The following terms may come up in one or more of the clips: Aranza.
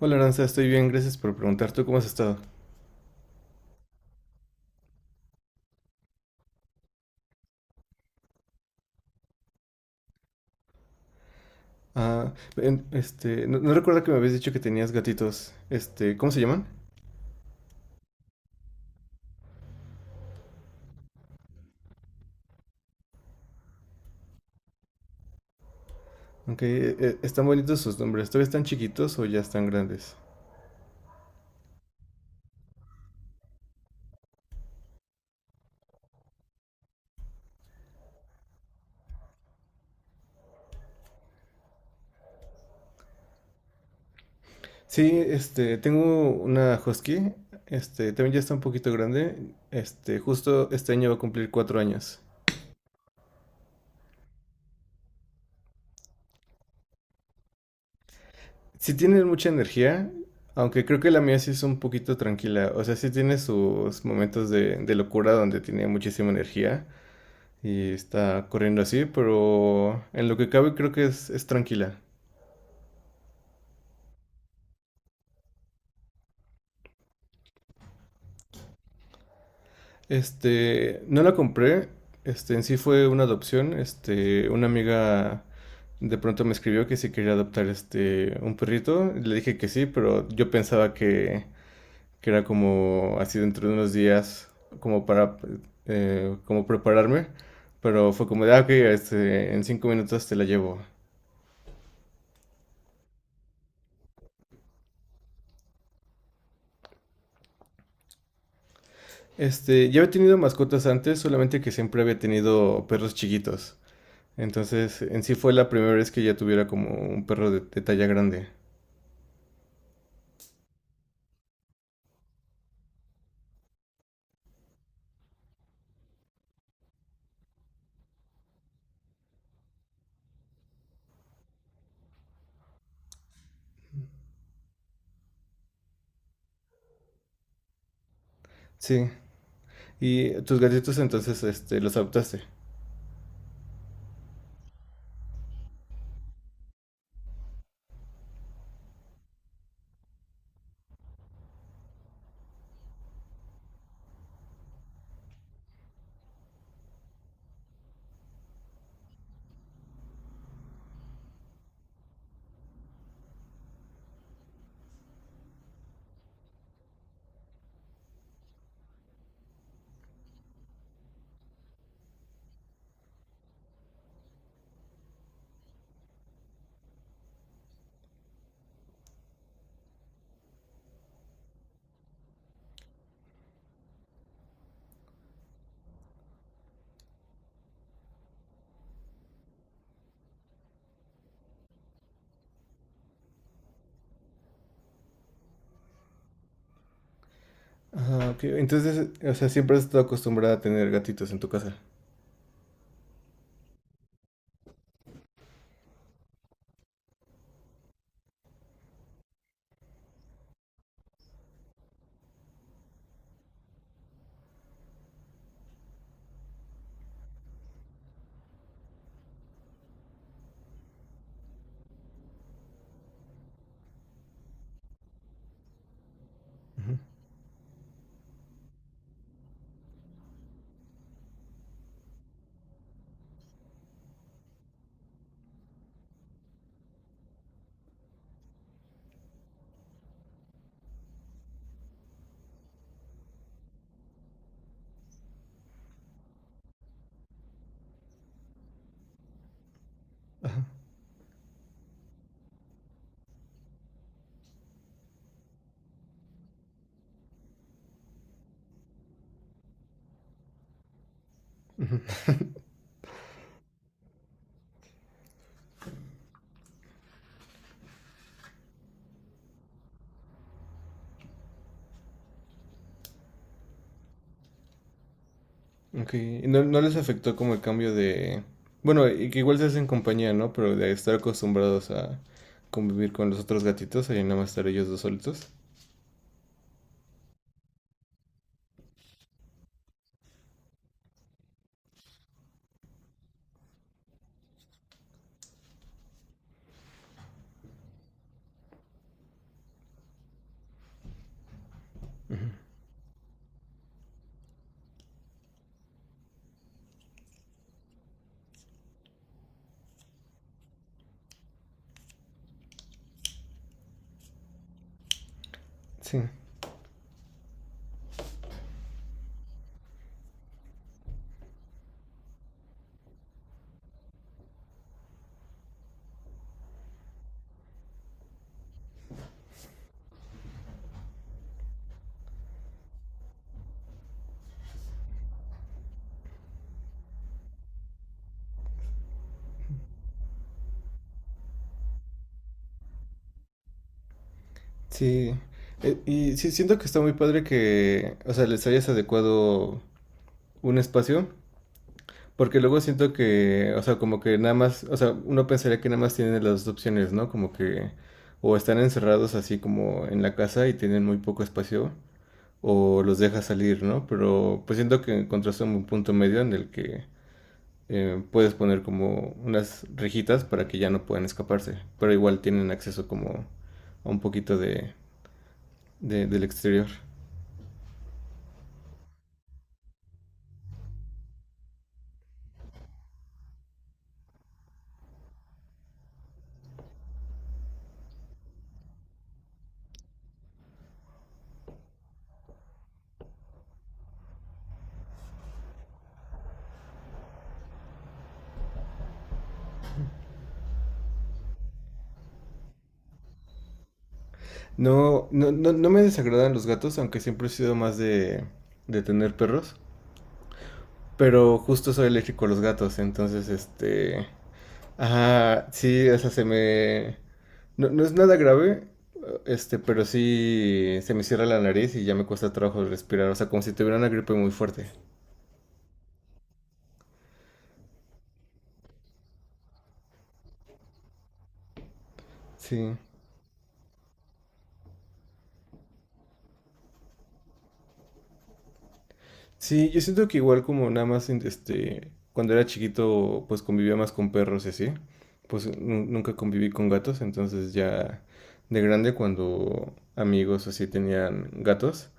Hola Aranza, estoy bien, gracias por preguntar. ¿Tú cómo has estado? Ah, este, no, no recuerdo que me habías dicho que tenías gatitos. Este, ¿cómo se llaman? Aunque están bonitos sus nombres. ¿Todavía están chiquitos o ya están grandes? Sí, este, tengo una husky. Este, también ya está un poquito grande. Este, justo este año va a cumplir 4 años. Sí tiene mucha energía, aunque creo que la mía sí es un poquito tranquila. O sea, sí tiene sus momentos de locura donde tiene muchísima energía. Y está corriendo así, pero en lo que cabe creo que es tranquila. Este, no la compré, este, en sí fue una adopción, este, una amiga de pronto me escribió que si quería adoptar este, un perrito, le dije que sí, pero yo pensaba que era como así dentro de unos días, como para, como prepararme, pero fue como de, ah, ok, este, en 5 minutos te la llevo. Este, ya había tenido mascotas antes, solamente que siempre había tenido perros chiquitos. Entonces, en sí fue la primera vez que ya tuviera como un perro de talla grande. Sí. ¿Y tus gatitos entonces este, los adoptaste? Ah, ok. Entonces, o sea, siempre has estado acostumbrada a tener gatitos en tu casa. Ujú. Ok. ¿Y no, no les afectó como el cambio de... Bueno, y que igual se hacen compañía, ¿no? Pero de estar acostumbrados a convivir con los otros gatitos y nada más estar ellos dos solitos. Sí. Sí. Y sí, siento que está muy padre que, o sea, les hayas adecuado un espacio. Porque luego siento que, o sea, como que nada más, o sea, uno pensaría que nada más tienen las dos opciones, ¿no? Como que o están encerrados así como en la casa y tienen muy poco espacio, o los dejas salir, ¿no? Pero pues siento que encontraste un punto medio en el que puedes poner como unas rejitas para que ya no puedan escaparse, pero igual tienen acceso como a un poquito del exterior. No, no, no, no me desagradan los gatos, aunque siempre he sido más de tener perros. Pero justo soy eléctrico a los gatos, entonces este... Ajá, sí, o sea, se me... No, no es nada grave, este, pero sí se me cierra la nariz y ya me cuesta trabajo respirar, o sea, como si tuviera una gripe muy fuerte. Sí. Sí, yo siento que igual como nada más, este, cuando era chiquito, pues convivía más con perros y así, pues nunca conviví con gatos, entonces ya de grande cuando amigos así tenían gatos,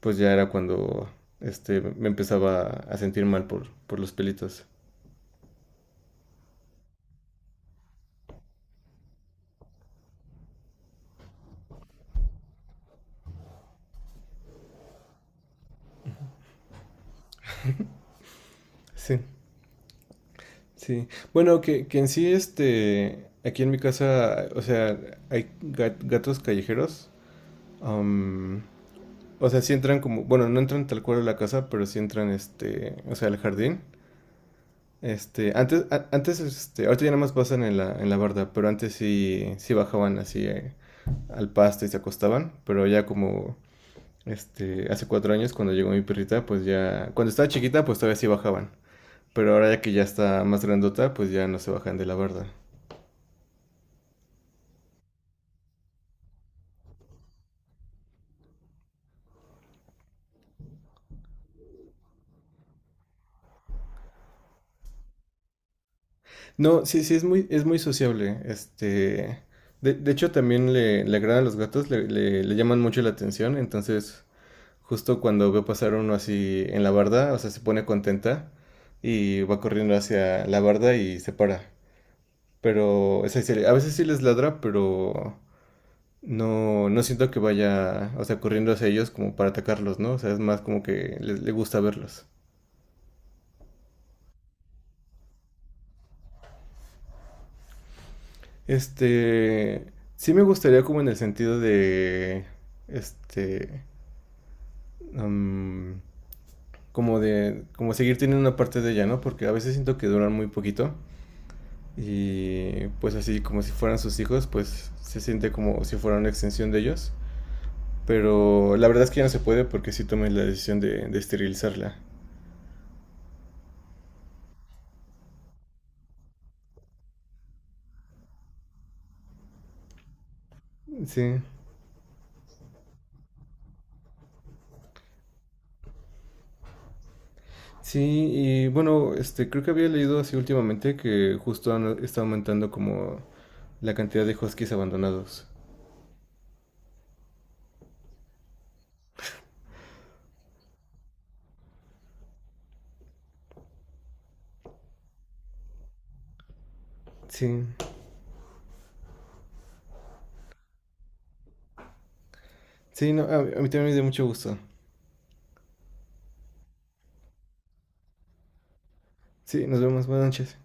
pues ya era cuando este, me empezaba a sentir mal por los pelitos. Sí, sí. Bueno, que en sí, este, aquí en mi casa, o sea, hay gatos callejeros. am, o sea, sí entran como, bueno, no entran tal cual a la casa, pero sí entran, este, o sea, al jardín. Este, antes, antes, este, ahorita ya nada más pasan en la barda, pero antes sí, sí bajaban así al pasto y se acostaban, pero ya como... Este, hace 4 años cuando llegó mi perrita, pues ya, cuando estaba chiquita, pues todavía sí bajaban. Pero ahora ya que ya está más grandota, pues ya no se bajan de la barda. No, sí, sí, es muy, sociable. Este, de hecho también le agradan los gatos, le llaman mucho la atención. Entonces, justo cuando veo pasar uno así en la barda, o sea, se pone contenta y va corriendo hacia la barda y se para. Pero, o sea, a veces sí les ladra, pero... No, no siento que vaya, o sea, corriendo hacia ellos como para atacarlos, ¿no? O sea, es más como que le gusta verlos. Este, sí me gustaría como en el sentido de, este, am, como de, como seguir teniendo una parte de ella, ¿no? Porque a veces siento que duran muy poquito y pues así como si fueran sus hijos, pues se siente como si fuera una extensión de ellos. Pero la verdad es que ya no se puede porque sí tomé la decisión de esterilizarla. Sí. Sí, y bueno, este, creo que había leído así últimamente que justo está aumentando como la cantidad de huskies abandonados. Sí, sí, no, a mí también me dio mucho gusto. Sí, nos vemos, buenas noches.